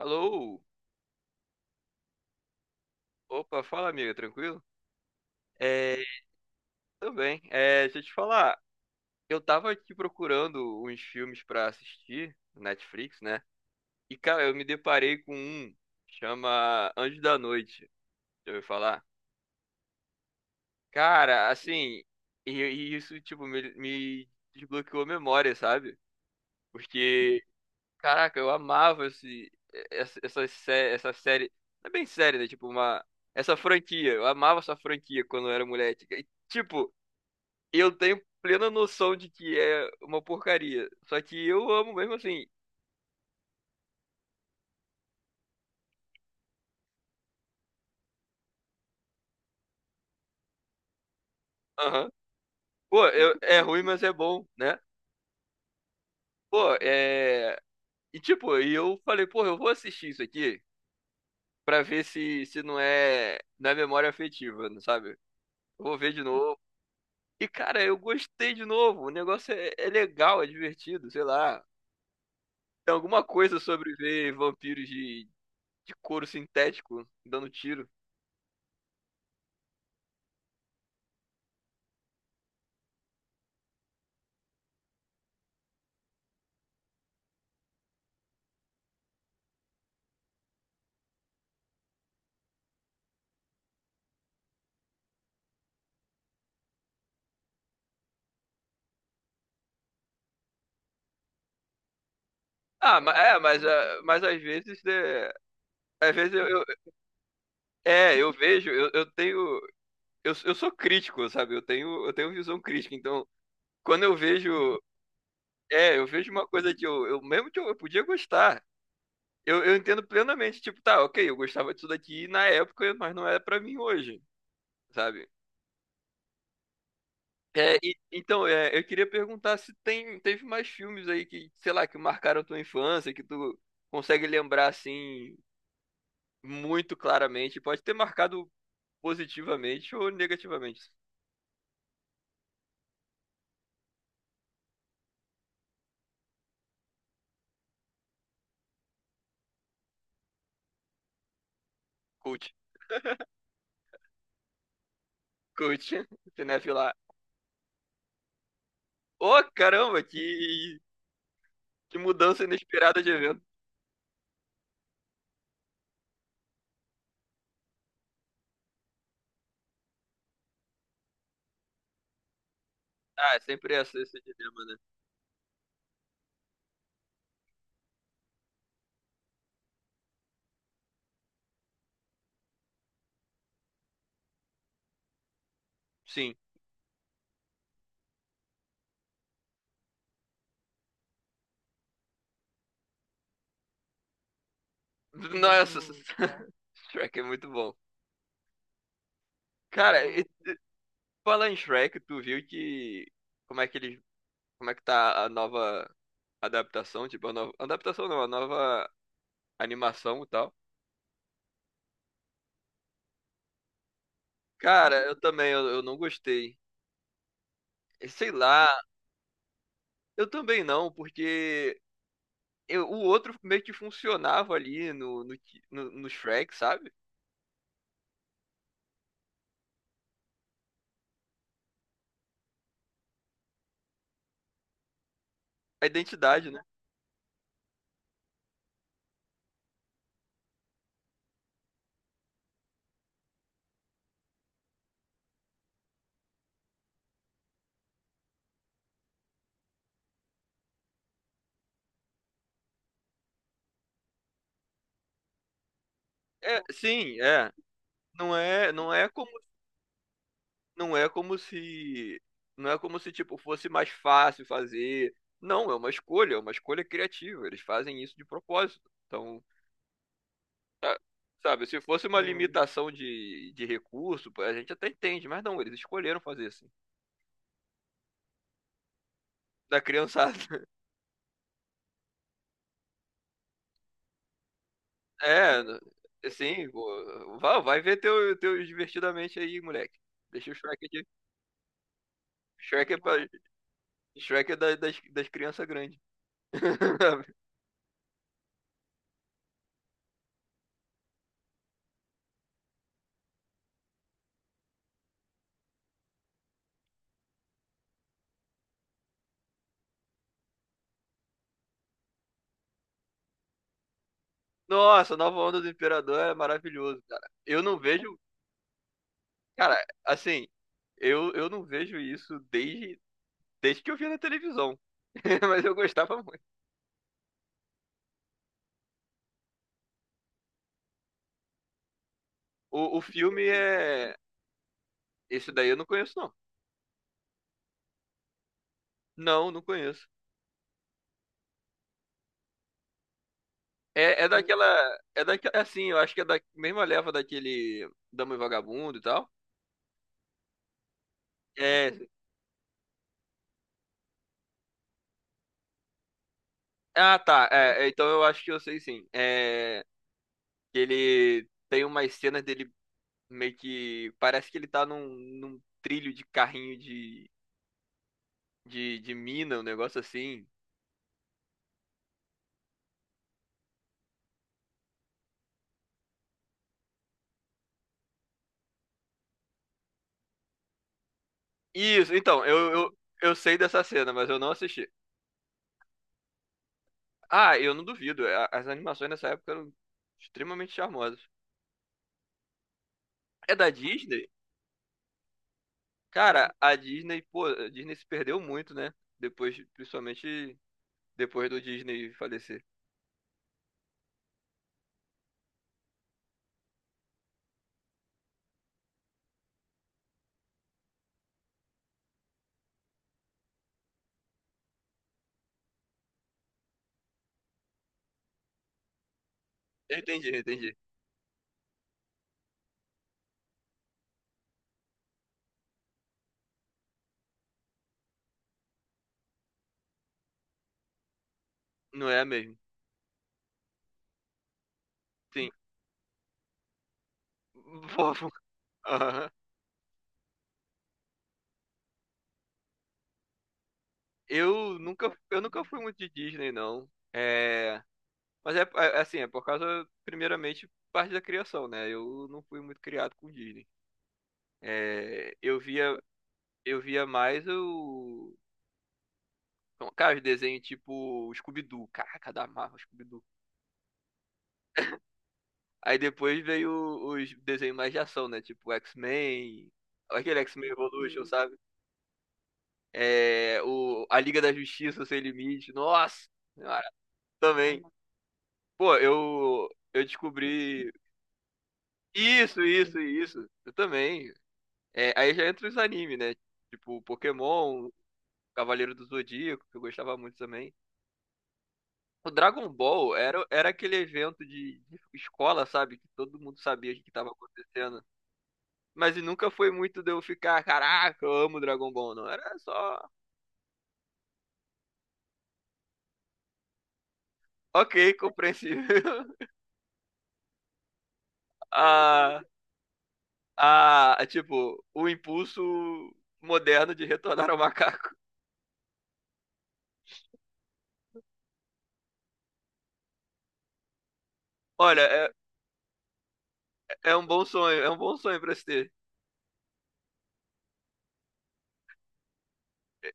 Alô? Opa, fala amiga, tranquilo? É, tudo bem. Deixa eu te falar, eu tava aqui procurando uns filmes pra assistir no Netflix, né? E cara, eu me deparei com um, chama Anjo da Noite, deixa eu falar. Cara, assim, e isso tipo me desbloqueou a memória, sabe? Porque, caraca, eu amava esse, essa, sé- essa série, não é bem série, né? Essa franquia, eu amava essa franquia quando eu era moleque. E, tipo eu tenho plena noção de que é uma porcaria. Só que eu amo mesmo assim. Aham. Pô, é ruim, mas é bom, né? Pô, é. E tipo, e eu falei, pô, eu vou assistir isso aqui pra ver se não é, não é memória afetiva, não sabe? Eu vou ver de novo. E cara, eu gostei de novo. O negócio é legal, é divertido, sei lá. Tem alguma coisa sobre ver vampiros de couro sintético dando tiro. Mas às vezes, né, às vezes é, eu vejo, eu tenho. Eu sou crítico, sabe? Eu tenho visão crítica. Então, quando eu vejo. É, eu vejo uma coisa que eu mesmo que eu podia gostar. Eu entendo plenamente, tipo, tá, ok, eu gostava disso daqui na época, mas não é pra mim hoje, sabe? É, então, é, eu queria perguntar se teve mais filmes aí que, sei lá, que marcaram tua infância, que tu consegue lembrar assim muito claramente. Pode ter marcado positivamente ou negativamente. Cult. Cult. Cinéfilo. Ô, caramba, que mudança inesperada de evento. Ah, é sempre essa, esse dilema, né? Sim. Nossa, Shrek é muito bom. Cara, e falar em Shrek, tu viu que. Como é que eles. Como é que tá a nova adaptação? Tipo, a nova. Adaptação não, a nova animação e tal. Cara, eu também, eu não gostei. Sei lá, eu também não, porque o outro meio que funcionava ali no Shrek, sabe? A identidade, né? É, sim, é. Não é como, não é como se, não é como se tipo fosse mais fácil fazer. Não, é uma escolha criativa. Eles fazem isso de propósito. Então, tá- sabe, se fosse uma limitação de recurso, pô, a gente até entende, mas não, eles escolheram fazer assim. Da criançada. É, assim, pô, vai ver teus divertidamente aí, moleque. Deixa o Shrek de, Shrek é pra, Shrek é das crianças grandes. Nossa, Nova Onda do Imperador é maravilhoso, cara. Eu não vejo, cara, assim, eu não vejo isso desde, desde que eu vi na televisão. Mas eu gostava muito. O filme é. Esse daí eu não conheço, não. Não, não conheço. É, é daquela. É daquela. Assim, eu acho que é da mesma leva daquele Dama e Vagabundo e tal. É. Ah, tá. É, é, então eu acho que eu sei sim. É. Que ele tem umas cenas dele meio que parece que ele tá num, num trilho de carrinho de mina, um negócio assim. Isso, então, eu sei dessa cena, mas eu não assisti. Ah, eu não duvido, é, as animações nessa época eram extremamente charmosas. É da Disney? Cara, a Disney, pô, a Disney se perdeu muito, né? Depois, principalmente depois do Disney falecer. Eu entendi. Não é mesmo? Sim. Fofo. Aham. Eu nunca fui muito de Disney, não. É. Mas é, assim, é por causa, primeiramente, parte da criação, né? Eu não fui muito criado com Disney. É, eu via mais o. Então, cara, os desenhos tipo Scooby-Doo. Caraca, da Marvel, Scooby-Doo. Aí depois veio os desenhos mais de ação, né? Tipo X-Men, aquele X-Men Evolution, sabe? É, a Liga da Justiça Sem Limite. Nossa! Senhora, também. Pô, eu descobri. Isso, isso, isso. Eu também. É, aí já entra os animes, né? Tipo, Pokémon, Cavaleiro do Zodíaco, que eu gostava muito também. O Dragon Ball era aquele evento de escola, sabe? Que todo mundo sabia o que estava acontecendo. Mas e nunca foi muito de eu ficar, caraca, eu amo Dragon Ball, não. Era só, ok, compreensível. Ah, ah, tipo, o impulso moderno de retornar ao macaco. Olha, é, é um bom sonho, é um bom sonho pra se ter.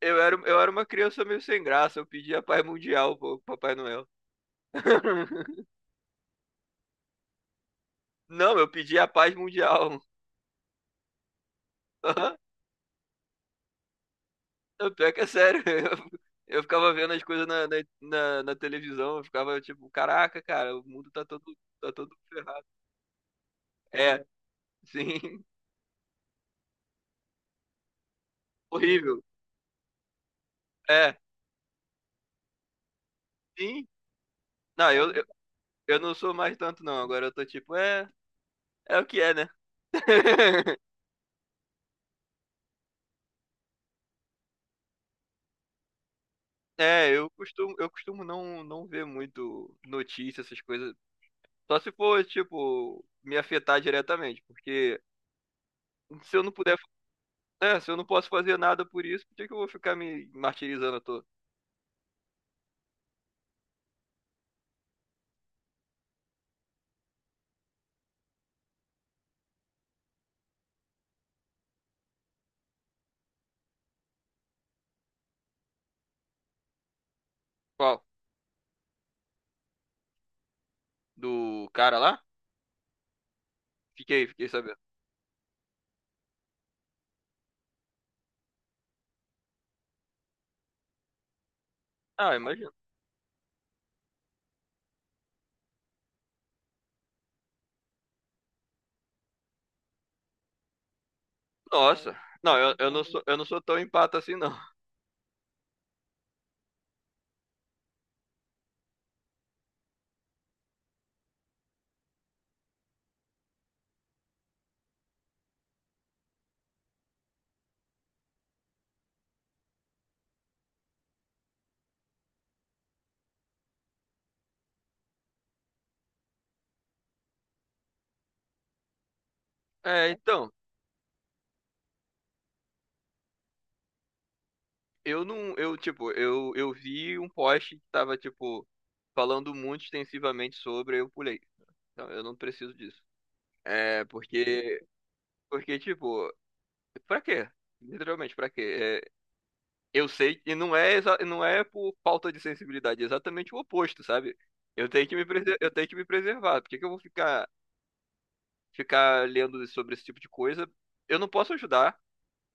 Eu era uma criança meio sem graça, eu pedia a paz mundial pro Papai Noel. Não, eu pedia a paz mundial. Aham. Eu, pior que é sério. Eu ficava vendo as coisas na televisão, eu ficava tipo, caraca, cara, o mundo tá todo ferrado. É, sim, horrível. É, sim. Não, eu não sou mais tanto, não. Agora eu tô tipo, é, é o que é, né? É, eu costumo não, não ver muito notícias, essas coisas. Só se for, tipo, me afetar diretamente, porque se eu não puder, né, se eu não posso fazer nada por isso, por que que eu vou ficar me martirizando à toa? Qual? Do cara lá? Fiquei, fiquei sabendo. Ah, imagina. Nossa. Não, eu não sou tão empata assim, não. É, então, eu não, eu, tipo, eu vi um post que tava, tipo, falando muito extensivamente sobre, eu pulei. Então, eu não preciso disso. É, porque, porque, tipo, pra quê? Literalmente, pra quê? Eu sei, e não é, não é por falta de sensibilidade, é exatamente o oposto, sabe? Eu tenho que me, eu tenho que me preservar. Por que que eu vou ficar, ficar lendo sobre esse tipo de coisa? Eu não posso ajudar.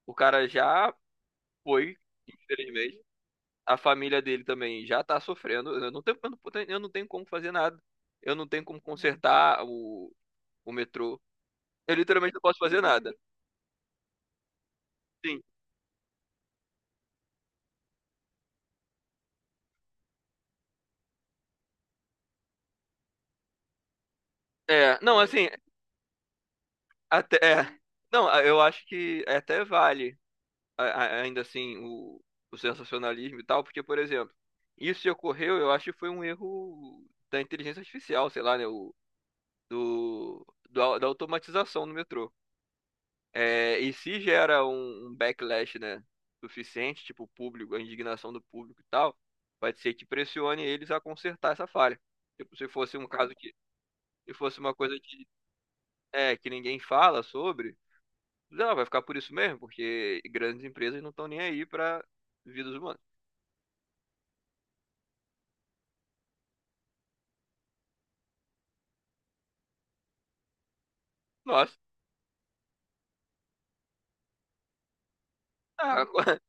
O cara já foi, infelizmente. A família dele também já tá sofrendo. Eu não tenho como fazer nada. Eu não tenho como consertar o metrô. Eu literalmente não posso fazer nada. Sim. É, não, assim, até. É. Não, eu acho que é até vale. Ainda assim o sensacionalismo e tal, porque, por exemplo, isso que ocorreu, eu acho que foi um erro da inteligência artificial, sei lá, né, do da automatização no metrô. É, e se gera um backlash, né, suficiente, tipo o público, a indignação do público e tal, pode ser que pressione eles a consertar essa falha. Tipo, se fosse um caso que, se fosse uma coisa que, é, que ninguém fala sobre, não, vai ficar por isso mesmo, porque grandes empresas não estão nem aí para vidas humanas. Nossa, ah.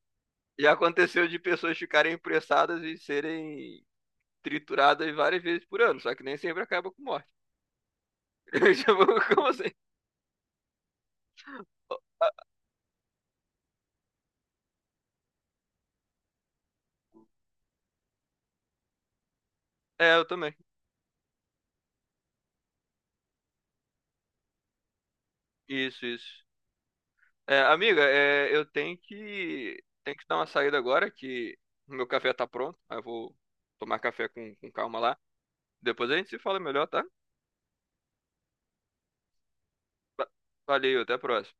Já aconteceu de pessoas ficarem pressadas e serem trituradas várias vezes por ano, só que nem sempre acaba com morte. Tipo, como assim? É, eu também. Isso, isso. É, amiga, é, tenho que dar uma saída agora, que o meu café tá pronto. Aí eu vou tomar café com calma lá. Depois a gente se fala melhor, tá? Va- Valeu, até a próxima.